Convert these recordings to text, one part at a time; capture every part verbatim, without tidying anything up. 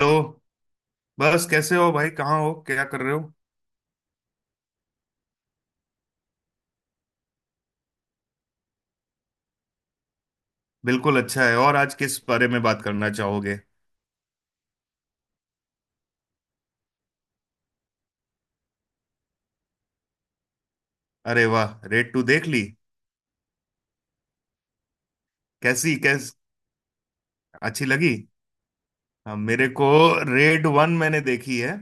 Hello. बस कैसे हो भाई कहाँ हो क्या कर रहे हो। बिल्कुल अच्छा है। और आज किस बारे में बात करना चाहोगे। अरे वाह रेड टू देख ली। कैसी कैस अच्छी लगी। हाँ, मेरे को रेड वन मैंने देखी है।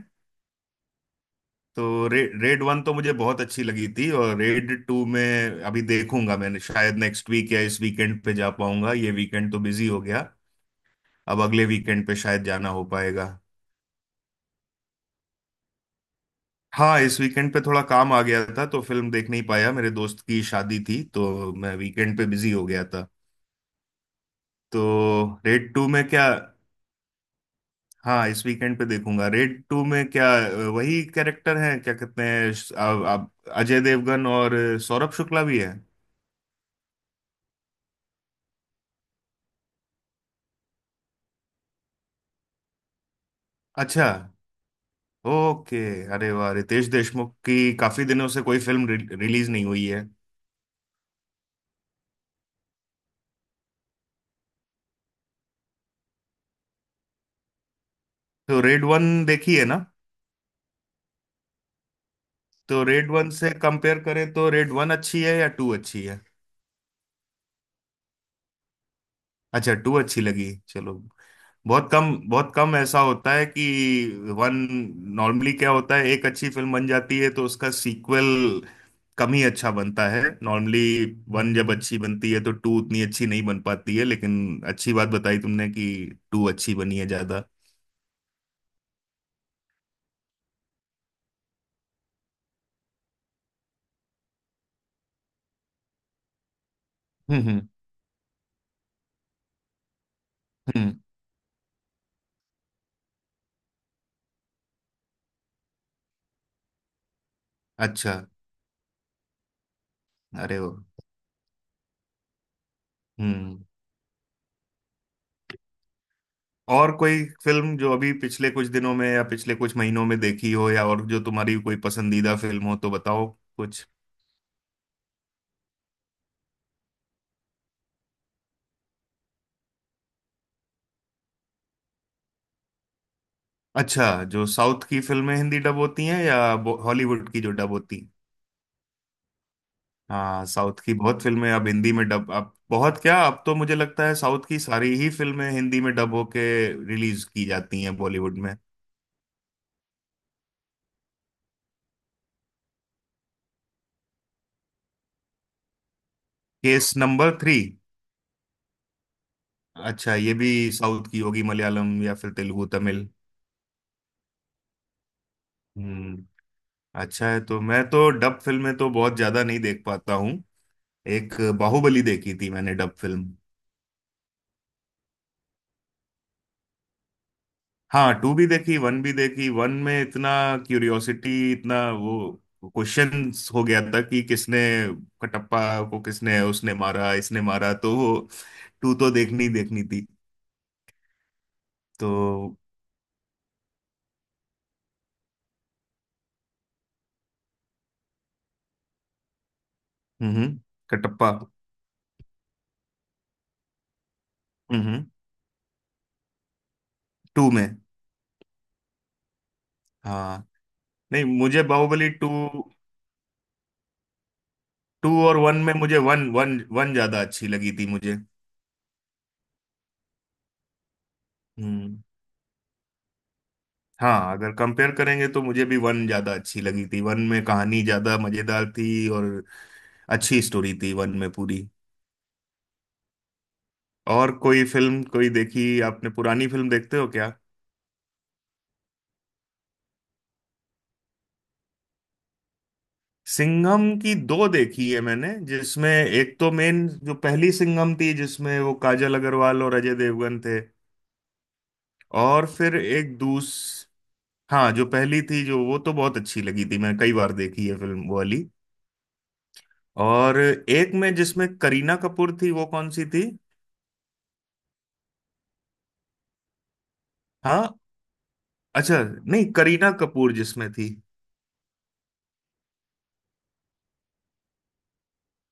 तो रे, रेड वन तो मुझे बहुत अच्छी लगी थी और रेड टू में अभी देखूंगा मैंने शायद नेक्स्ट वीक या इस वीकेंड पे जा पाऊंगा। ये वीकेंड तो बिजी हो गया। अब अगले वीकेंड पे शायद जाना हो पाएगा। हाँ इस वीकेंड पे थोड़ा काम आ गया था तो फिल्म देख नहीं पाया मेरे दोस्त की शादी थी तो मैं वीकेंड पे बिजी हो गया था। तो रेड टू में क्या। हाँ इस वीकेंड पे देखूंगा। रेड टू में क्या अ, वही कैरेक्टर हैं क्या कहते हैं श- आ- आ- अजय देवगन और सौरभ शुक्ला भी है। अच्छा। ओके। अरे वाह रितेश देशमुख की काफी दिनों से कोई फिल्म रि, रिलीज नहीं हुई है। तो रेड वन देखी है ना। तो रेड वन से कंपेयर करें तो रेड वन अच्छी है या टू अच्छी है। अच्छा टू अच्छी लगी चलो। बहुत कम बहुत कम ऐसा होता है कि वन नॉर्मली क्या होता है एक अच्छी फिल्म बन जाती है तो उसका सीक्वल कम ही अच्छा बनता है नॉर्मली। वन जब अच्छी बनती है तो टू उतनी अच्छी नहीं बन पाती है लेकिन अच्छी बात बताई तुमने कि टू अच्छी बनी है ज्यादा। हम्म। हम्म। हम्म। अच्छा। अरे वो। हम्म और कोई फिल्म जो अभी पिछले कुछ दिनों में या पिछले कुछ महीनों में देखी हो या और जो तुम्हारी कोई पसंदीदा फिल्म हो तो बताओ कुछ। अच्छा। जो साउथ की फिल्में हिंदी डब होती हैं या बो- हॉलीवुड की जो डब होती हैं। हाँ साउथ की बहुत फिल्में अब हिंदी में डब अब बहुत क्या अब तो मुझे लगता है साउथ की सारी ही फिल्में हिंदी में डब होके रिलीज की जाती हैं बॉलीवुड में। Case number three. अच्छा ये भी साउथ की होगी मलयालम या फिर तेलुगु तमिल। हम्म। अच्छा है तो मैं तो डब फिल्में तो बहुत ज्यादा नहीं देख पाता हूँ। एक बाहुबली देखी थी मैंने डब फिल्म। हाँ टू भी देखी वन भी देखी वन में इतना क्यूरियोसिटी इतना वो क्वेश्चंस हो गया था कि किसने कटप्पा को किसने उसने मारा इसने मारा तो वो टू तो देखनी ही देखनी थी। तो। हम्म। कटप्पा। हम्म। टू में। हाँ नहीं मुझे बाहुबली टू। टू और वन में मुझे वन वन वन ज्यादा अच्छी लगी थी मुझे। हम्म। हाँ अगर कंपेयर करेंगे तो मुझे भी वन ज्यादा अच्छी लगी थी वन में कहानी ज्यादा मजेदार थी और अच्छी स्टोरी थी वन में पूरी। और कोई फिल्म कोई देखी आपने पुरानी फिल्म देखते हो क्या। सिंघम की दो देखी है मैंने जिसमें एक तो मेन जो पहली सिंघम थी जिसमें वो काजल अग्रवाल और अजय देवगन थे। और फिर एक दूस। हाँ जो पहली थी जो वो तो बहुत अच्छी लगी थी मैंने कई बार देखी है फिल्म वो वाली। और एक में जिसमें करीना कपूर थी वो कौन सी थी। हाँ। अच्छा नहीं करीना कपूर जिसमें थी।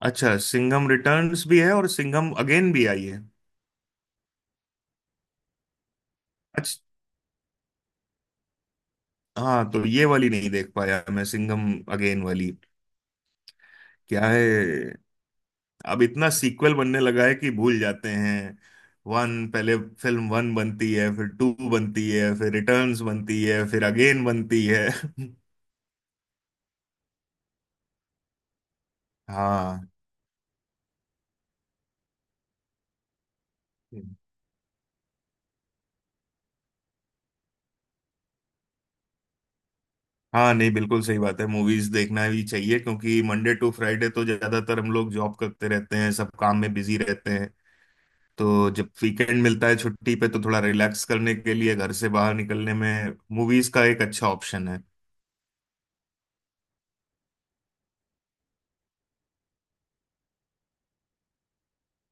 अच्छा सिंघम रिटर्न्स भी है और सिंघम अगेन भी आई है। अच्छा। हाँ तो ये वाली नहीं देख पाया मैं सिंघम अगेन वाली। क्या है। अब इतना सीक्वल बनने लगा है कि भूल जाते हैं। वन पहले फिल्म वन बनती है फिर टू बनती है फिर रिटर्न्स बनती है फिर अगेन बनती है। हाँ। हाँ नहीं बिल्कुल सही बात है मूवीज देखना भी चाहिए क्योंकि मंडे टू फ्राइडे तो ज्यादातर हम लोग जॉब करते रहते हैं सब काम में बिजी रहते हैं। तो जब वीकेंड मिलता है छुट्टी पे तो थोड़ा रिलैक्स करने के लिए घर से बाहर निकलने में मूवीज का एक अच्छा ऑप्शन है।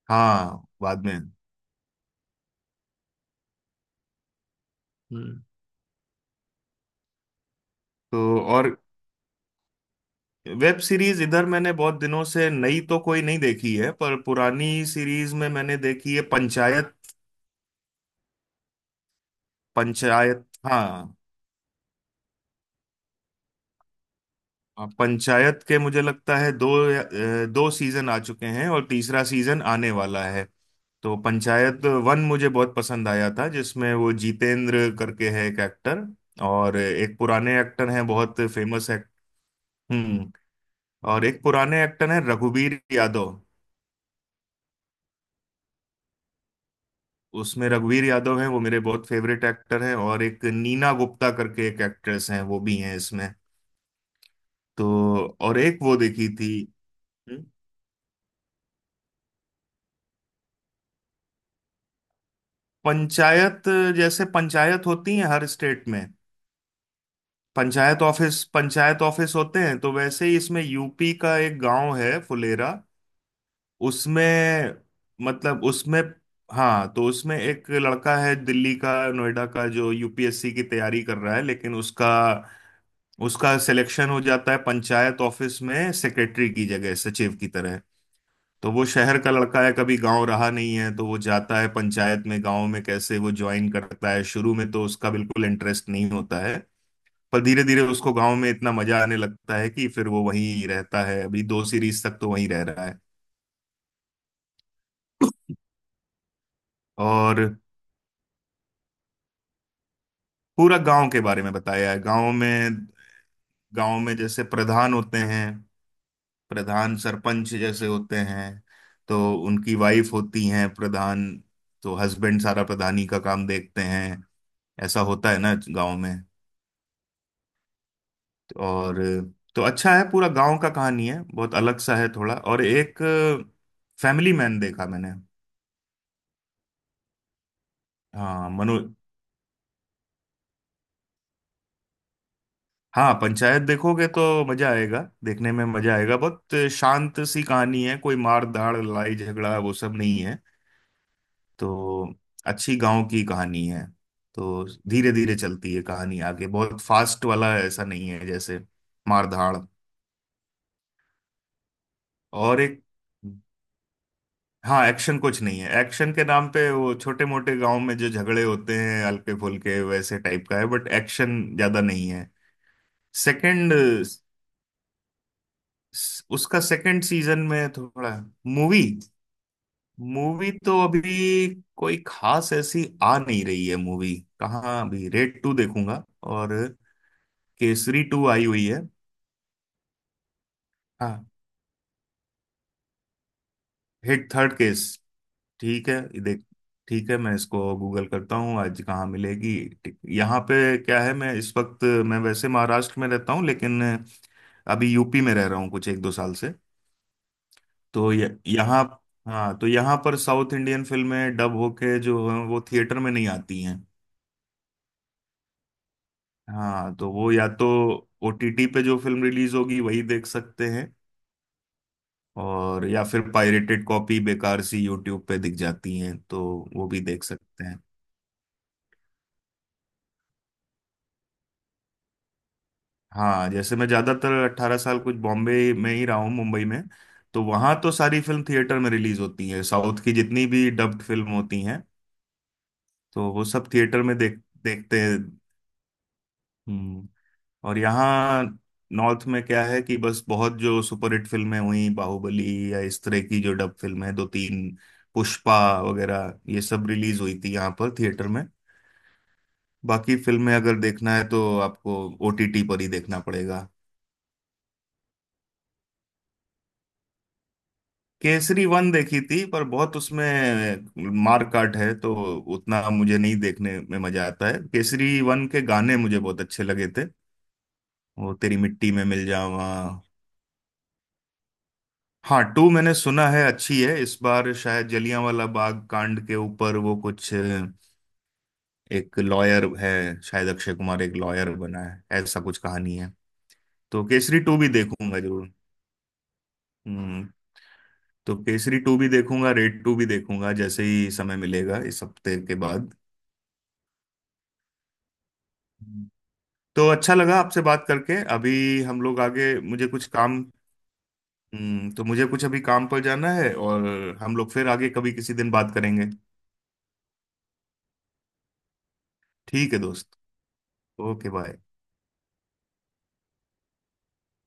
हाँ बाद में। हम्म। तो और। वेब सीरीज इधर मैंने बहुत दिनों से नई तो कोई नहीं देखी है पर पुरानी सीरीज में मैंने देखी है पंचायत। पंचायत हाँ। हाँ, पंचायत के मुझे लगता है दो या- अ, दो सीजन आ चुके हैं और तीसरा सीजन आने वाला है। तो पंचायत वन मुझे बहुत पसंद आया था जिसमें वो जितेंद्र करके है एक एक्टर और एक पुराने एक्टर हैं बहुत फेमस एक्ट। हम्म। और एक पुराने एक्टर हैं रघुवीर यादव। उसमें रघुवीर यादव हैं वो मेरे बहुत फेवरेट एक्टर हैं और एक नीना गुप्ता करके एक एक्ट्रेस हैं वो भी हैं इसमें। तो। और एक वो देखी थी। हम्म? पंचायत। जैसे पंचायत होती है हर स्टेट में पंचायत ऑफिस पंचायत ऑफिस होते हैं तो वैसे ही इसमें यूपी का एक गांव है फुलेरा उसमें। मतलब उसमें। हाँ तो उसमें एक लड़का है दिल्ली का नोएडा का जो यूपीएससी की तैयारी कर रहा है लेकिन उसका उसका सिलेक्शन हो जाता है पंचायत ऑफिस में सेक्रेटरी की जगह सचिव की तरह। तो वो शहर का लड़का है कभी गांव रहा नहीं है तो वो जाता है पंचायत में गांव में कैसे वो ज्वाइन करता है शुरू में तो उसका बिल्कुल इंटरेस्ट नहीं होता है। पर धीरे धीरे उसको गांव में इतना मजा आने लगता है कि फिर वो वहीं रहता है अभी दो सीरीज तक तो वहीं रह रहा है। और पूरा गांव के बारे में बताया है गांव में गांव में जैसे प्रधान होते हैं। प्रधान सरपंच जैसे होते हैं। तो उनकी वाइफ होती हैं प्रधान। तो हस्बैंड सारा प्रधानी का काम देखते हैं। ऐसा होता है ना गांव में। और। तो अच्छा है पूरा गांव का कहानी है बहुत अलग सा है थोड़ा और एक फैमिली मैन देखा मैंने। हाँ मनोज। हाँ पंचायत देखोगे तो मजा आएगा। देखने में मजा आएगा बहुत शांत सी कहानी है कोई मार धाड़ लड़ाई झगड़ा वो सब नहीं है। तो अच्छी गांव की कहानी है। तो धीरे धीरे चलती है कहानी आगे बहुत फास्ट वाला ऐसा नहीं है जैसे मार धाड़। और एक। हाँ एक्शन कुछ नहीं है एक्शन के नाम पे वो छोटे मोटे गांव में जो झगड़े होते हैं हल्के फुल्के वैसे टाइप का है बट एक्शन ज्यादा नहीं है। सेकंड। उसका सेकंड सीजन में थोड़ा। मूवी। मूवी तो अभी कोई खास ऐसी आ नहीं रही है मूवी। कहाँ अभी रेड टू देखूंगा और केसरी टू आई हुई है। हाँ। Hit third case. ठीक है ये देख। ठीक है मैं इसको गूगल करता हूँ आज कहाँ मिलेगी। ठीक- यहाँ पे क्या है मैं इस वक्त मैं वैसे महाराष्ट्र में रहता हूँ लेकिन अभी यूपी में रह रहा हूँ कुछ एक दो साल से। तो ये यहाँ। हाँ तो यहाँ पर साउथ इंडियन फिल्में डब होके जो हैं, वो थिएटर में नहीं आती हैं। हाँ तो वो या तो ओटीटी पे जो फिल्म रिलीज होगी वही देख सकते हैं। और या फिर पायरेटेड कॉपी बेकार सी यूट्यूब पे दिख जाती हैं तो वो भी देख सकते हैं। हाँ जैसे मैं ज्यादातर अट्ठारह साल कुछ बॉम्बे में ही रहा हूँ मुंबई में। तो वहां तो सारी फिल्म थिएटर में रिलीज होती है साउथ की जितनी भी डब्ड फिल्म होती हैं। तो वो सब थिएटर में देख देखते हैं। हम्म, और यहाँ नॉर्थ में क्या है कि बस बहुत जो सुपरहिट फिल्में हुई बाहुबली या इस तरह की जो डब फिल्में हैं, दो तीन पुष्पा वगैरह ये सब रिलीज हुई थी यहाँ पर थिएटर में। बाकी फिल्में अगर देखना है तो आपको ओटीटी पर ही देखना पड़ेगा। केसरी वन देखी थी पर बहुत उसमें मार काट है तो उतना मुझे नहीं देखने में मजा आता है केसरी वन के गाने मुझे बहुत अच्छे लगे थे। वो तेरी मिट्टी में मिल जावा। हाँ टू मैंने सुना है अच्छी है इस बार शायद जलियांवाला बाग कांड के ऊपर वो कुछ एक लॉयर है शायद अक्षय कुमार एक लॉयर बना है ऐसा कुछ कहानी है। तो केसरी टू भी देखूंगा जरूर। हम्म। तो केसरी टू भी देखूंगा रेड टू भी देखूंगा जैसे ही समय मिलेगा इस हफ्ते के बाद। तो अच्छा लगा आपसे बात करके अभी हम लोग आगे मुझे कुछ काम। हम्म, तो मुझे कुछ अभी काम पर जाना है और हम लोग फिर आगे कभी किसी दिन बात करेंगे। ठीक है दोस्त। Okay bye.